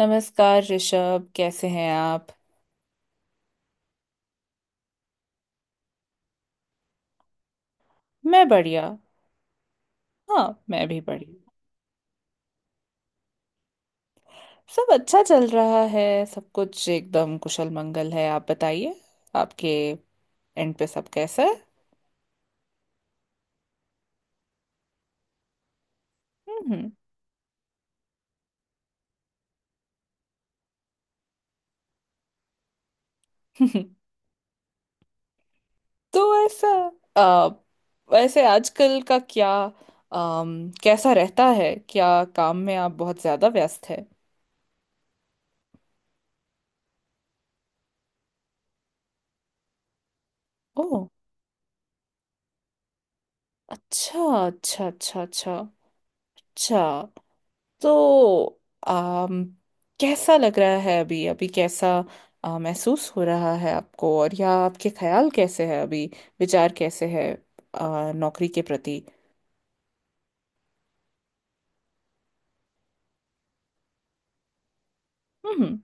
नमस्कार ऋषभ, कैसे हैं आप? मैं बढ़िया। हाँ, मैं भी बढ़िया। सब अच्छा चल रहा है, सब कुछ एकदम कुशल मंगल है। आप बताइए आपके एंड पे सब कैसा है? हम्म। तो ऐसा आ, वैसे आजकल का क्या, कैसा रहता है? क्या काम में आप बहुत ज्यादा व्यस्त है? ओह। अच्छा, अच्छा, अच्छा। अच्छा। अच्छा। तो आम, कैसा लग रहा है अभी? अभी कैसा महसूस हो रहा है आपको? और या आपके ख्याल कैसे हैं अभी? विचार कैसे है नौकरी के प्रति? हम्म।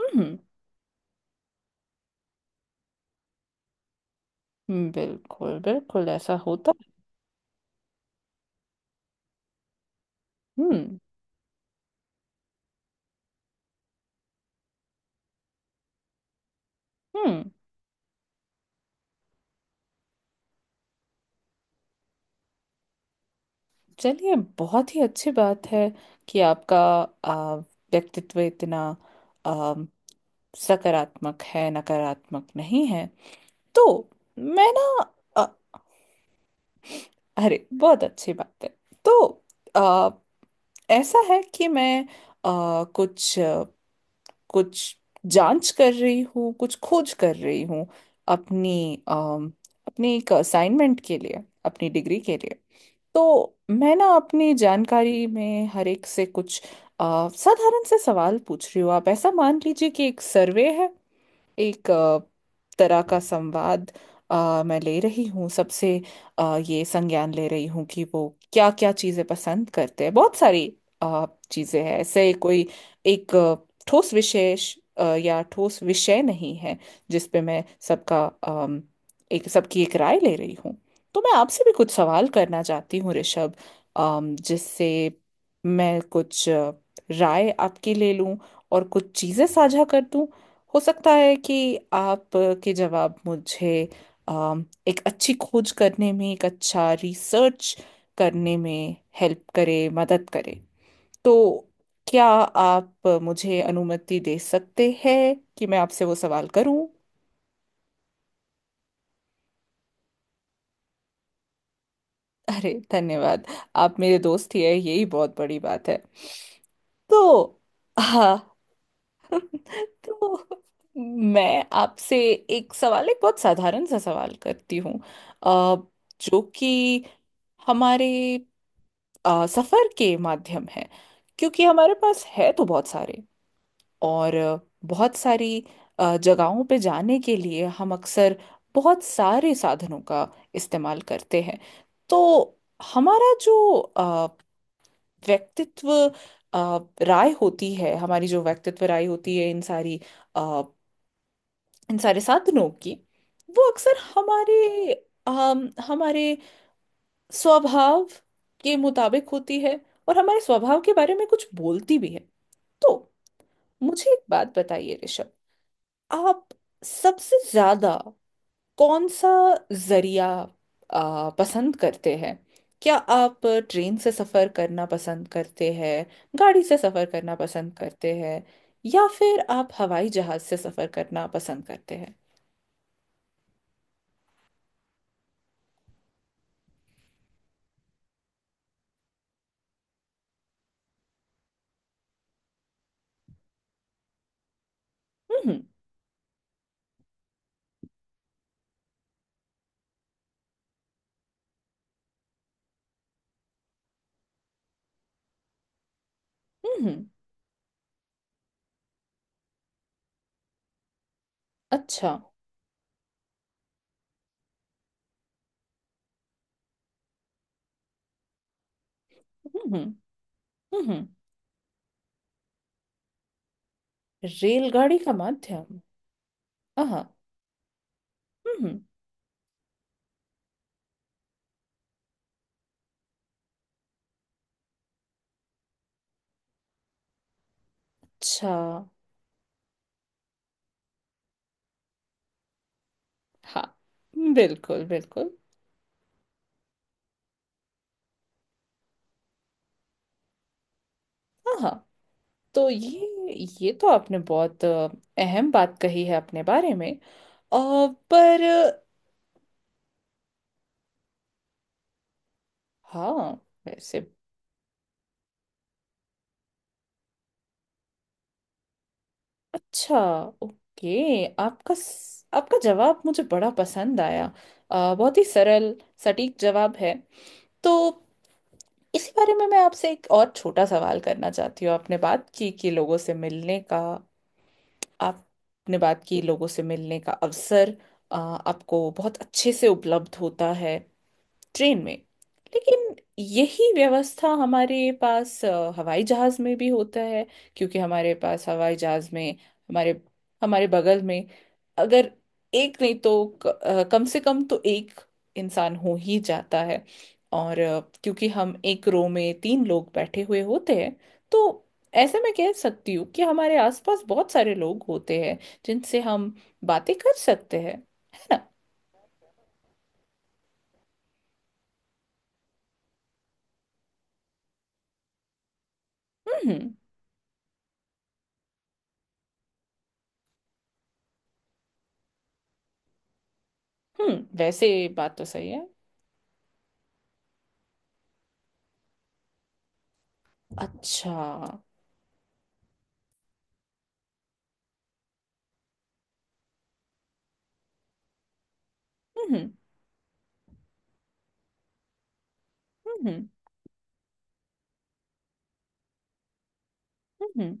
हम्म। बिल्कुल बिल्कुल ऐसा होता है। हम्म। हम्म। चलिए, बहुत ही अच्छी बात है कि आपका व्यक्तित्व इतना आ, सकारात्मक है, नकारात्मक नहीं है। तो मैं ना, अरे बहुत अच्छी बात है। तो आ, ऐसा है कि मैं आ, कुछ अ, कुछ जांच कर रही हूँ, कुछ खोज कर रही हूँ अपनी अम, अपनी एक असाइनमेंट के लिए, अपनी डिग्री के लिए। तो मैं ना अपनी जानकारी में हर एक से कुछ साधारण से सवाल पूछ रही हूँ। आप ऐसा मान लीजिए कि एक सर्वे है, एक तरह का संवाद मैं ले रही हूँ सबसे, ये संज्ञान ले रही हूँ कि वो क्या क्या चीज़ें पसंद करते हैं। बहुत सारी चीज़ें हैं, ऐसे कोई एक ठोस विशेष या ठोस विषय नहीं है जिस पे मैं सबका एक सबकी एक राय ले रही हूँ। तो मैं आपसे भी कुछ सवाल करना चाहती हूँ, ऋषभ, जिससे मैं कुछ राय आपकी ले लूँ और कुछ चीज़ें साझा कर दूँ। हो सकता है कि आपके जवाब मुझे एक अच्छी खोज करने में, एक अच्छा रिसर्च करने में हेल्प करे, मदद करे। तो क्या आप मुझे अनुमति दे सकते हैं कि मैं आपसे वो सवाल करूं? अरे धन्यवाद। आप मेरे दोस्त ही है, यही बहुत बड़ी बात है। तो हाँ। तो मैं आपसे एक सवाल, एक बहुत साधारण सा सवाल करती हूँ अ, जो कि हमारे सफर के माध्यम है। क्योंकि हमारे पास है तो बहुत सारे, और बहुत सारी जगहों पे जाने के लिए हम अक्सर बहुत सारे साधनों का इस्तेमाल करते हैं। तो हमारा जो अ, व्यक्तित्व अ, राय होती है, हमारी जो व्यक्तित्व राय होती है इन सारी साढ़े 7 दिनों की, वो अक्सर हमारे स्वभाव के मुताबिक होती है और हमारे स्वभाव के बारे में कुछ बोलती भी है। तो मुझे एक बात बताइए, ऋषभ। आप सबसे ज्यादा कौन सा जरिया पसंद करते हैं? क्या आप ट्रेन से सफर करना पसंद करते हैं, गाड़ी से सफर करना पसंद करते हैं, या फिर आप हवाई जहाज से सफर करना पसंद करते हैं? हम्म। हम्म। अच्छा। हम्म। हम्म। हम्म। रेलगाड़ी का माध्यम। आहा। हम्म। अच्छा। हाँ, बिल्कुल बिल्कुल। आहा। तो ये तो आपने बहुत अहम बात कही है अपने बारे में। अ, पर हाँ, वैसे अच्छा। ओके, आपका जवाब मुझे बड़ा पसंद आया। बहुत ही सरल, सटीक जवाब है। तो इसी बारे में मैं आपसे एक और छोटा सवाल करना चाहती हूँ। आपने बात की कि लोगों से मिलने का, आपने बात की लोगों से मिलने का अवसर आपको बहुत अच्छे से उपलब्ध होता है ट्रेन में। लेकिन यही व्यवस्था हमारे पास हवाई जहाज में भी होता है, क्योंकि हमारे पास हवाई जहाज में हमारे हमारे बगल में अगर एक नहीं तो कम से कम तो एक इंसान हो ही जाता है। और क्योंकि हम एक रो में तीन लोग बैठे हुए होते हैं, तो ऐसे मैं कह सकती हूँ कि हमारे आसपास बहुत सारे लोग होते हैं जिनसे हम बातें कर सकते हैं, है ना? हम्म। हम्म। वैसे बात तो सही है। अच्छा। हम्म। हम्म। हम्म।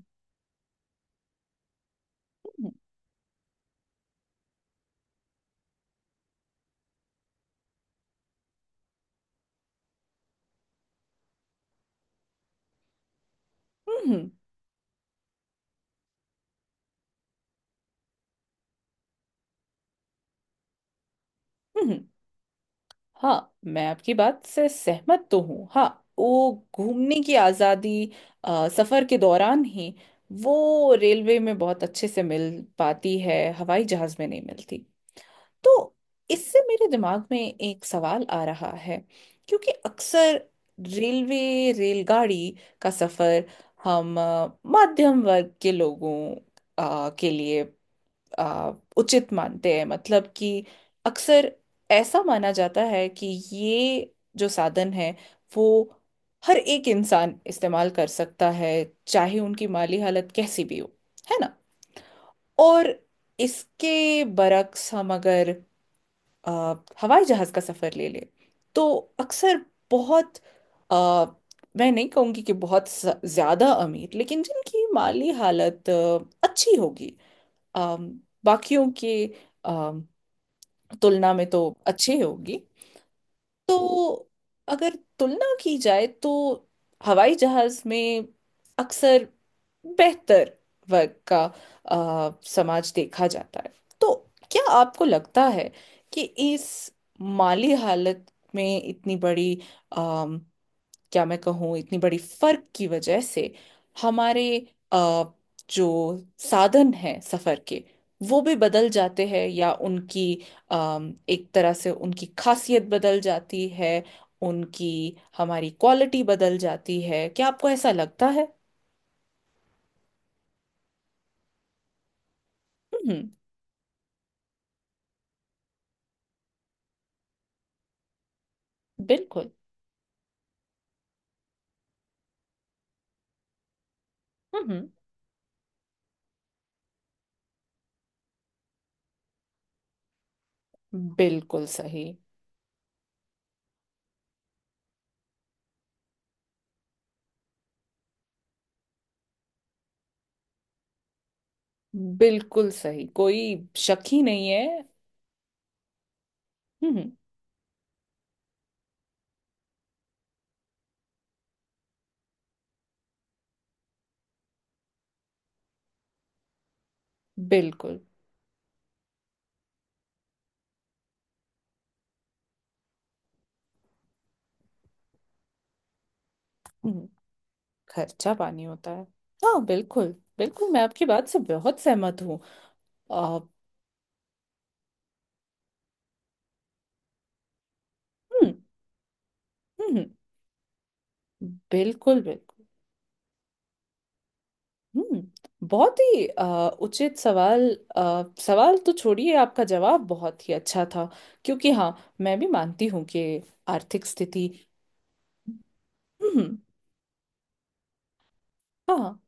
हम्म। हम्म। हम्म। हाँ, मैं आपकी बात से सहमत तो हूँ। हाँ, वो घूमने की आज़ादी सफ़र के दौरान ही वो रेलवे में बहुत अच्छे से मिल पाती है, हवाई जहाज़ में नहीं मिलती। तो इससे मेरे दिमाग में एक सवाल आ रहा है, क्योंकि अक्सर रेलवे, रेलगाड़ी का सफ़र हम मध्यम वर्ग के लोगों के लिए आ, उचित मानते हैं, मतलब कि अक्सर ऐसा माना जाता है कि ये जो साधन है वो हर एक इंसान इस्तेमाल कर सकता है, चाहे उनकी माली हालत कैसी भी हो, है ना? और इसके बरक्स हम अगर आ, हवाई जहाज का सफर ले लें, तो अक्सर बहुत आ, मैं नहीं कहूंगी कि बहुत ज्यादा अमीर, लेकिन जिनकी माली हालत अच्छी होगी, अम, बाकियों के अम, तुलना में तो अच्छी होगी। तो अगर तुलना की जाए तो हवाई जहाज में अक्सर बेहतर वर्ग का समाज देखा जाता है। तो क्या आपको लगता है कि इस माली हालत में इतनी बड़ी, क्या मैं कहूँ, इतनी बड़ी फर्क की वजह से हमारे अ, जो साधन हैं सफर के वो भी बदल जाते हैं या उनकी एक तरह से उनकी खासियत बदल जाती है, उनकी हमारी क्वालिटी बदल जाती है? क्या आपको ऐसा लगता है? हम्म। बिल्कुल। हम्म। बिल्कुल सही। बिल्कुल सही, कोई शक ही नहीं है। हम्म। बिल्कुल। हम्म। खर्चा पानी होता है। हाँ, बिल्कुल बिल्कुल, मैं आपकी बात से बहुत सहमत हूँ। आ, हम्म। हम्म। बिल्कुल बिल्कुल। हम्म, बहुत ही उचित सवाल, सवाल तो छोड़िए, आपका जवाब बहुत ही अच्छा था। क्योंकि हाँ, मैं भी मानती हूँ कि आर्थिक स्थिति। हम्म। हाँ,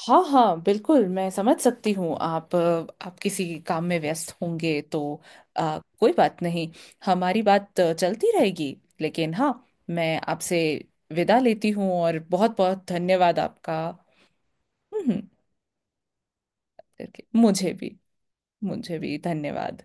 हाँ, हाँ, बिल्कुल, मैं समझ सकती हूँ। आप किसी काम में व्यस्त होंगे तो कोई बात नहीं, हमारी बात चलती रहेगी, लेकिन हाँ, मैं आपसे विदा लेती हूँ और बहुत बहुत धन्यवाद आपका। हम्म। करके मुझे भी। मुझे भी धन्यवाद।